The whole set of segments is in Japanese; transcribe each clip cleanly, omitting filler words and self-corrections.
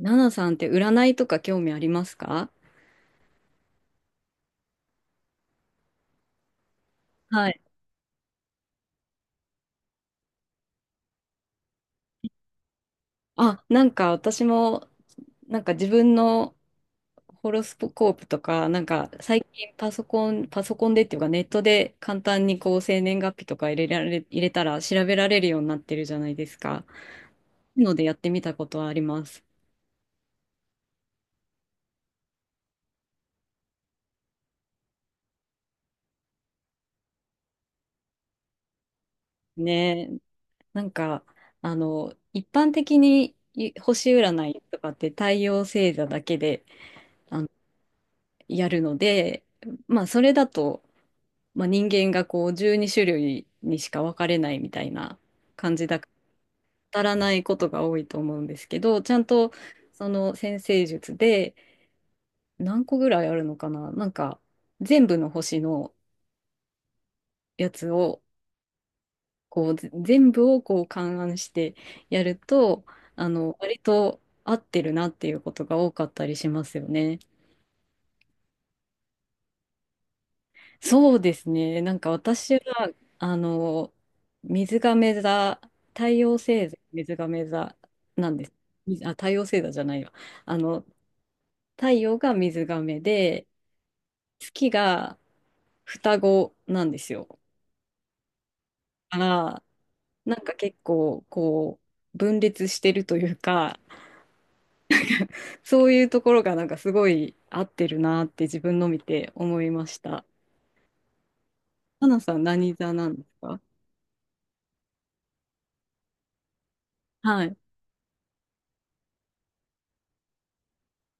ナナさんって占いとか興味ありますか？はい。あ、なんか私も、なんか自分のホロスコープとか、なんか最近パソコンでっていうかネットで簡単にこう生年月日とか入れたら調べられるようになってるじゃないですか。のでやってみたことはあります。ねえ、なんか、一般的にい星占いとかって太陽星座だけで、あの、やるので、まあ、それだと、まあ、人間がこう12種類にしか分かれないみたいな感じだから当たらないことが多いと思うんですけど、ちゃんとその占星術で何個ぐらいあるのかな、なんか全部の星のやつをこう全部をこう勘案してやると、あの割と合ってるなっていうことが多かったりしますよね。そうですね。なんか私は、あの、水亀座、太陽星座、水亀座なんです。みあ、太陽星座じゃないわ。あの、太陽が水亀で、月が双子なんですよ。だから、なんか結構、こう、分裂してるというか、そういうところがなんかすごい合ってるなって自分の見て思いました。花さん何座なんですか？はい。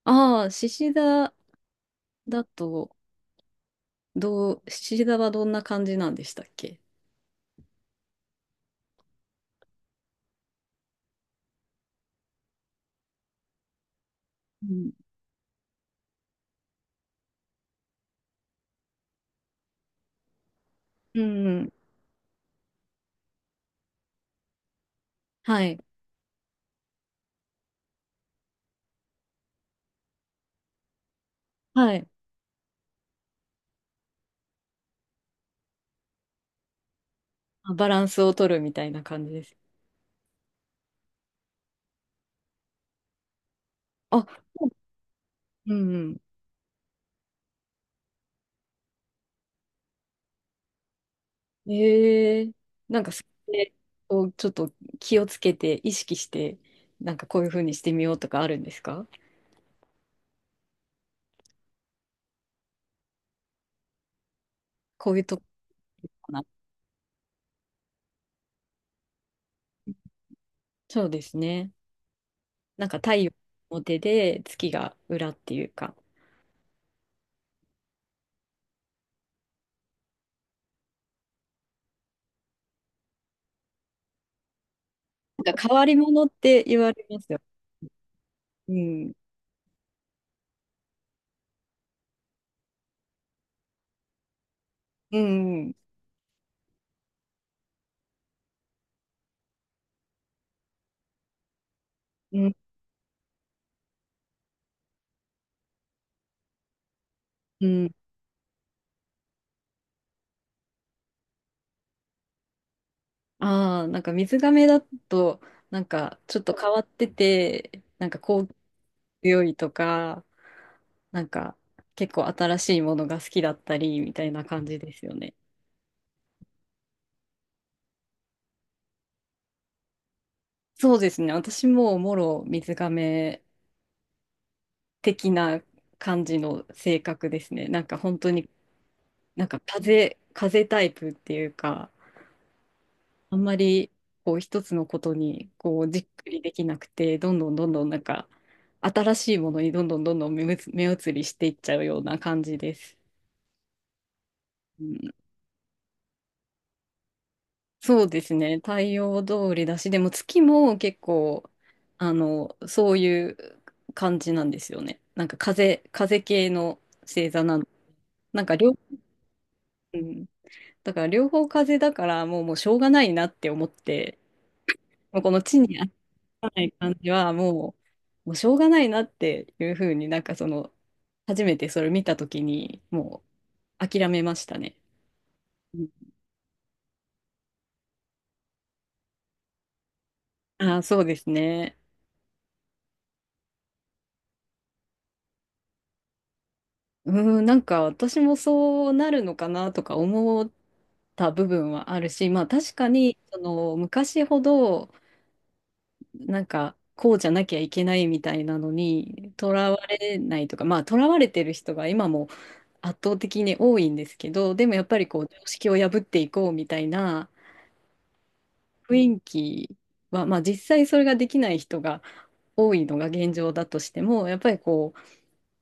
ああ、獅子座だと、どう、七座はどんな感じなんでしたっけ？うん、うんうん。はい。はい。あ、バランスを取るみたいな感じです。あ、うんうん。ええ、なんかそれをちょっと気をつけて、意識して、なんかこういうふうにしてみようとかあるんですか？こういうとこかな。そうですね。なんか太陽の表で月が裏っていうか、なんか変わり者って言われますよ。うん。うんうん。うん。うん。ああ、なんか水亀だと、なんかちょっと変わってて、なんかこう強いとか、なんか結構新しいものが好きだったりみたいな感じですよね。そうですね。私ももろ水亀的な感じの性格ですね。なんか本当になんか風タイプっていうか、あんまりこう一つのことにこうじっくりできなくて、どんどんどんどんなんか新しいものにどんどんどんどん目移りしていっちゃうような感じです。うん、そうですね。太陽通りだし、でも月も結構、あの、そういう感じなんですよね。なんか風系の星座なの。なんか両、うん、だから両方風だからもう、もうしょうがないなって思って、もうこの地にない感じはもう、もうしょうがないなっていうふうになんかその初めてそれ見た時にもう諦めましたね。うん。ああそうですね。うん、なんか私もそうなるのかなとか思った部分はあるし、まあ確かにその昔ほどなんかこうじゃなきゃいけないみたいなのにとらわれないとか、まあとらわれてる人が今も圧倒的に多いんですけど、でもやっぱりこう常識を破っていこうみたいな雰囲気は、まあ、実際それができない人が多いのが現状だとしても、やっぱりこ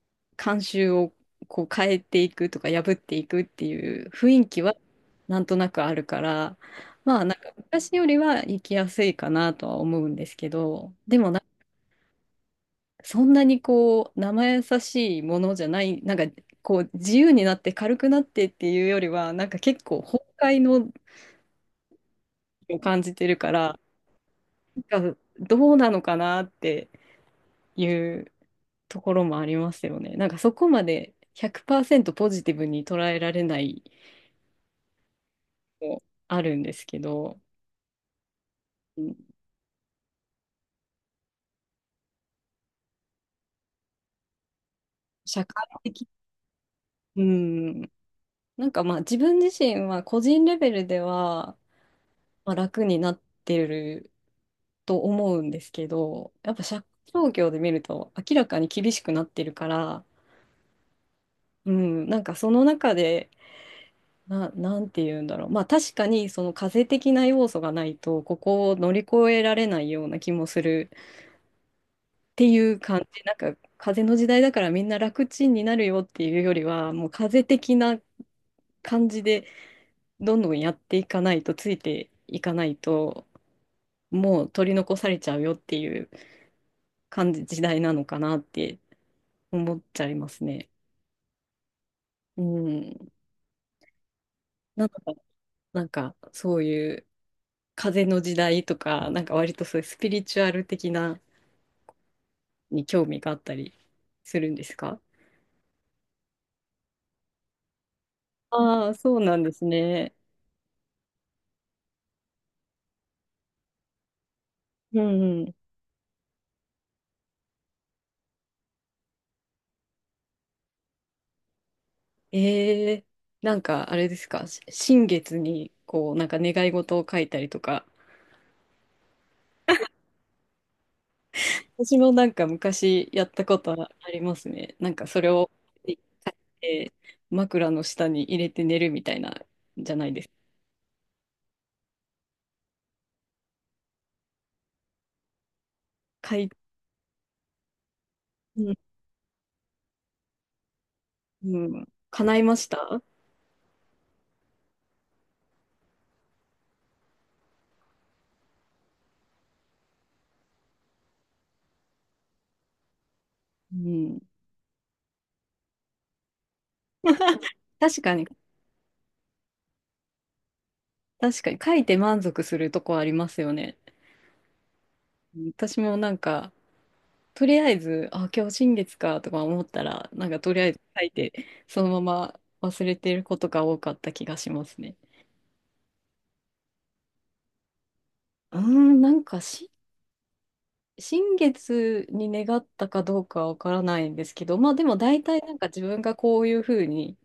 う慣習をこう変えていくとか破っていくっていう雰囲気はなんとなくあるから、まあなんか昔よりは生きやすいかなとは思うんですけど、でもな、そんなにこう生優しいものじゃない、なんかこう自由になって軽くなってっていうよりはなんか結構崩壊のを感じてるから、なんかどうなのかなっていうところもありますよね。なんかそこまで100%ポジティブに捉えられないもあるんですけど、うん、社会的、うん、なんかまあ自分自身は個人レベルでは、まあ、楽になってると思うんですけど、やっぱ社会状況で見ると明らかに厳しくなってるから、うん、なんかその中で、なんて言うんだろう。まあ確かにその風邪的な要素がないと、ここを乗り越えられないような気もするっていう感じ、なんか風の時代だからみんな楽ちんになるよっていうよりは、もう風的な感じでどんどんやっていかないと、ついていかないと、もう取り残されちゃうよっていう感じ、時代なのかなって思っちゃいますね。うん。なんか、なんかそういう風の時代とか、なんか割とそういうスピリチュアル的なに興味があったりするんですか？ああー、そうなんですね。うんうん。ええ、なんかあれですか、新月にこうなんか願い事を書いたりとか、私もなんか昔やったことありますね。なんかそれを書いて枕の下に入れて寝るみたいなじゃないですか。書い、うんうん、叶いました、うん、確かに、確かに書いて満足するとこありますよね。うん、私もなんかとりあえず、あ、今日新月かとか思ったら、なんかとりあえず書いて、そのまま忘れてることが多かった気がしますね。うーん、なんか新月に願ったかどうかわからないんですけど、まあでも大体なんか自分がこういうふうに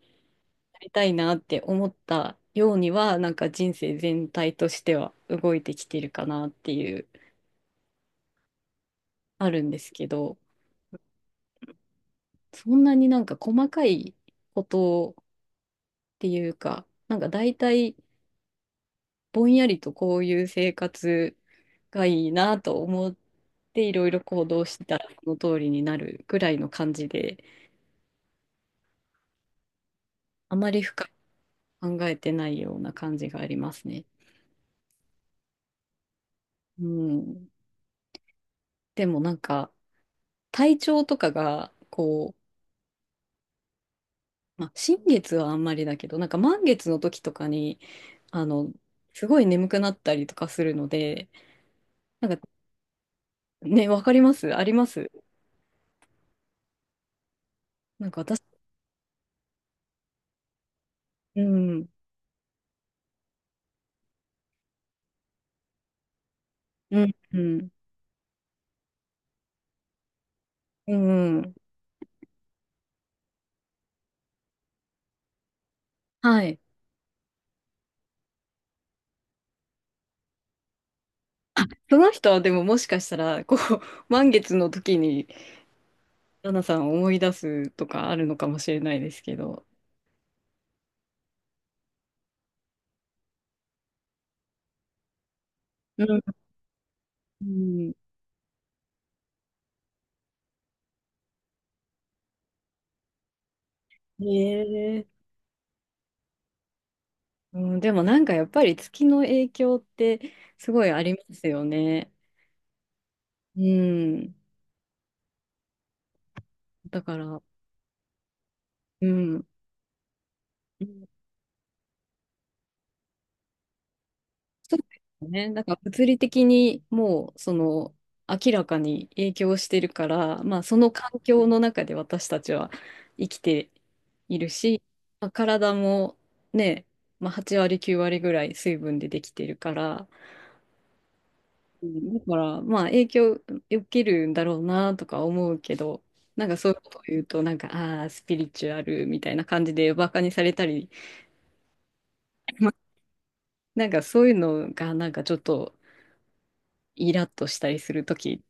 なりたいなって思ったようには、なんか人生全体としては動いてきてるかなっていう、あるんですけど、そんなになんか細かいことっていうか、なんか大体、ぼんやりとこういう生活がいいなと思っていろいろ行動したらその通りになるぐらいの感じで、あまり深く考えてないような感じがありますね。うん、でもなんか体調とかがこう、まあ、新月はあんまりだけどなんか満月の時とかにあのすごい眠くなったりとかするので、なんかねわかります、あります、なんか私、うんうんうんうん、はい、その人はでももしかしたら、こう、満月の時に、ラナさんを思い出すとかあるのかもしれないですけど。うん。うん。へえ。うん、でもなんかやっぱり月の影響ってすごいありますよね。うん。だから、うん。そうですね。なんか物理的にもうその明らかに影響してるから、まあその環境の中で私たちは生きているし、まあ、体もね、まあ、8割9割ぐらい水分でできてるから、うん、だからまあ影響受けるんだろうなとか思うけど、なんかそういうことを言うとなんかああースピリチュアルみたいな感じでバカにされたり、まあなんかそういうのがなんかちょっとイラッとしたりする時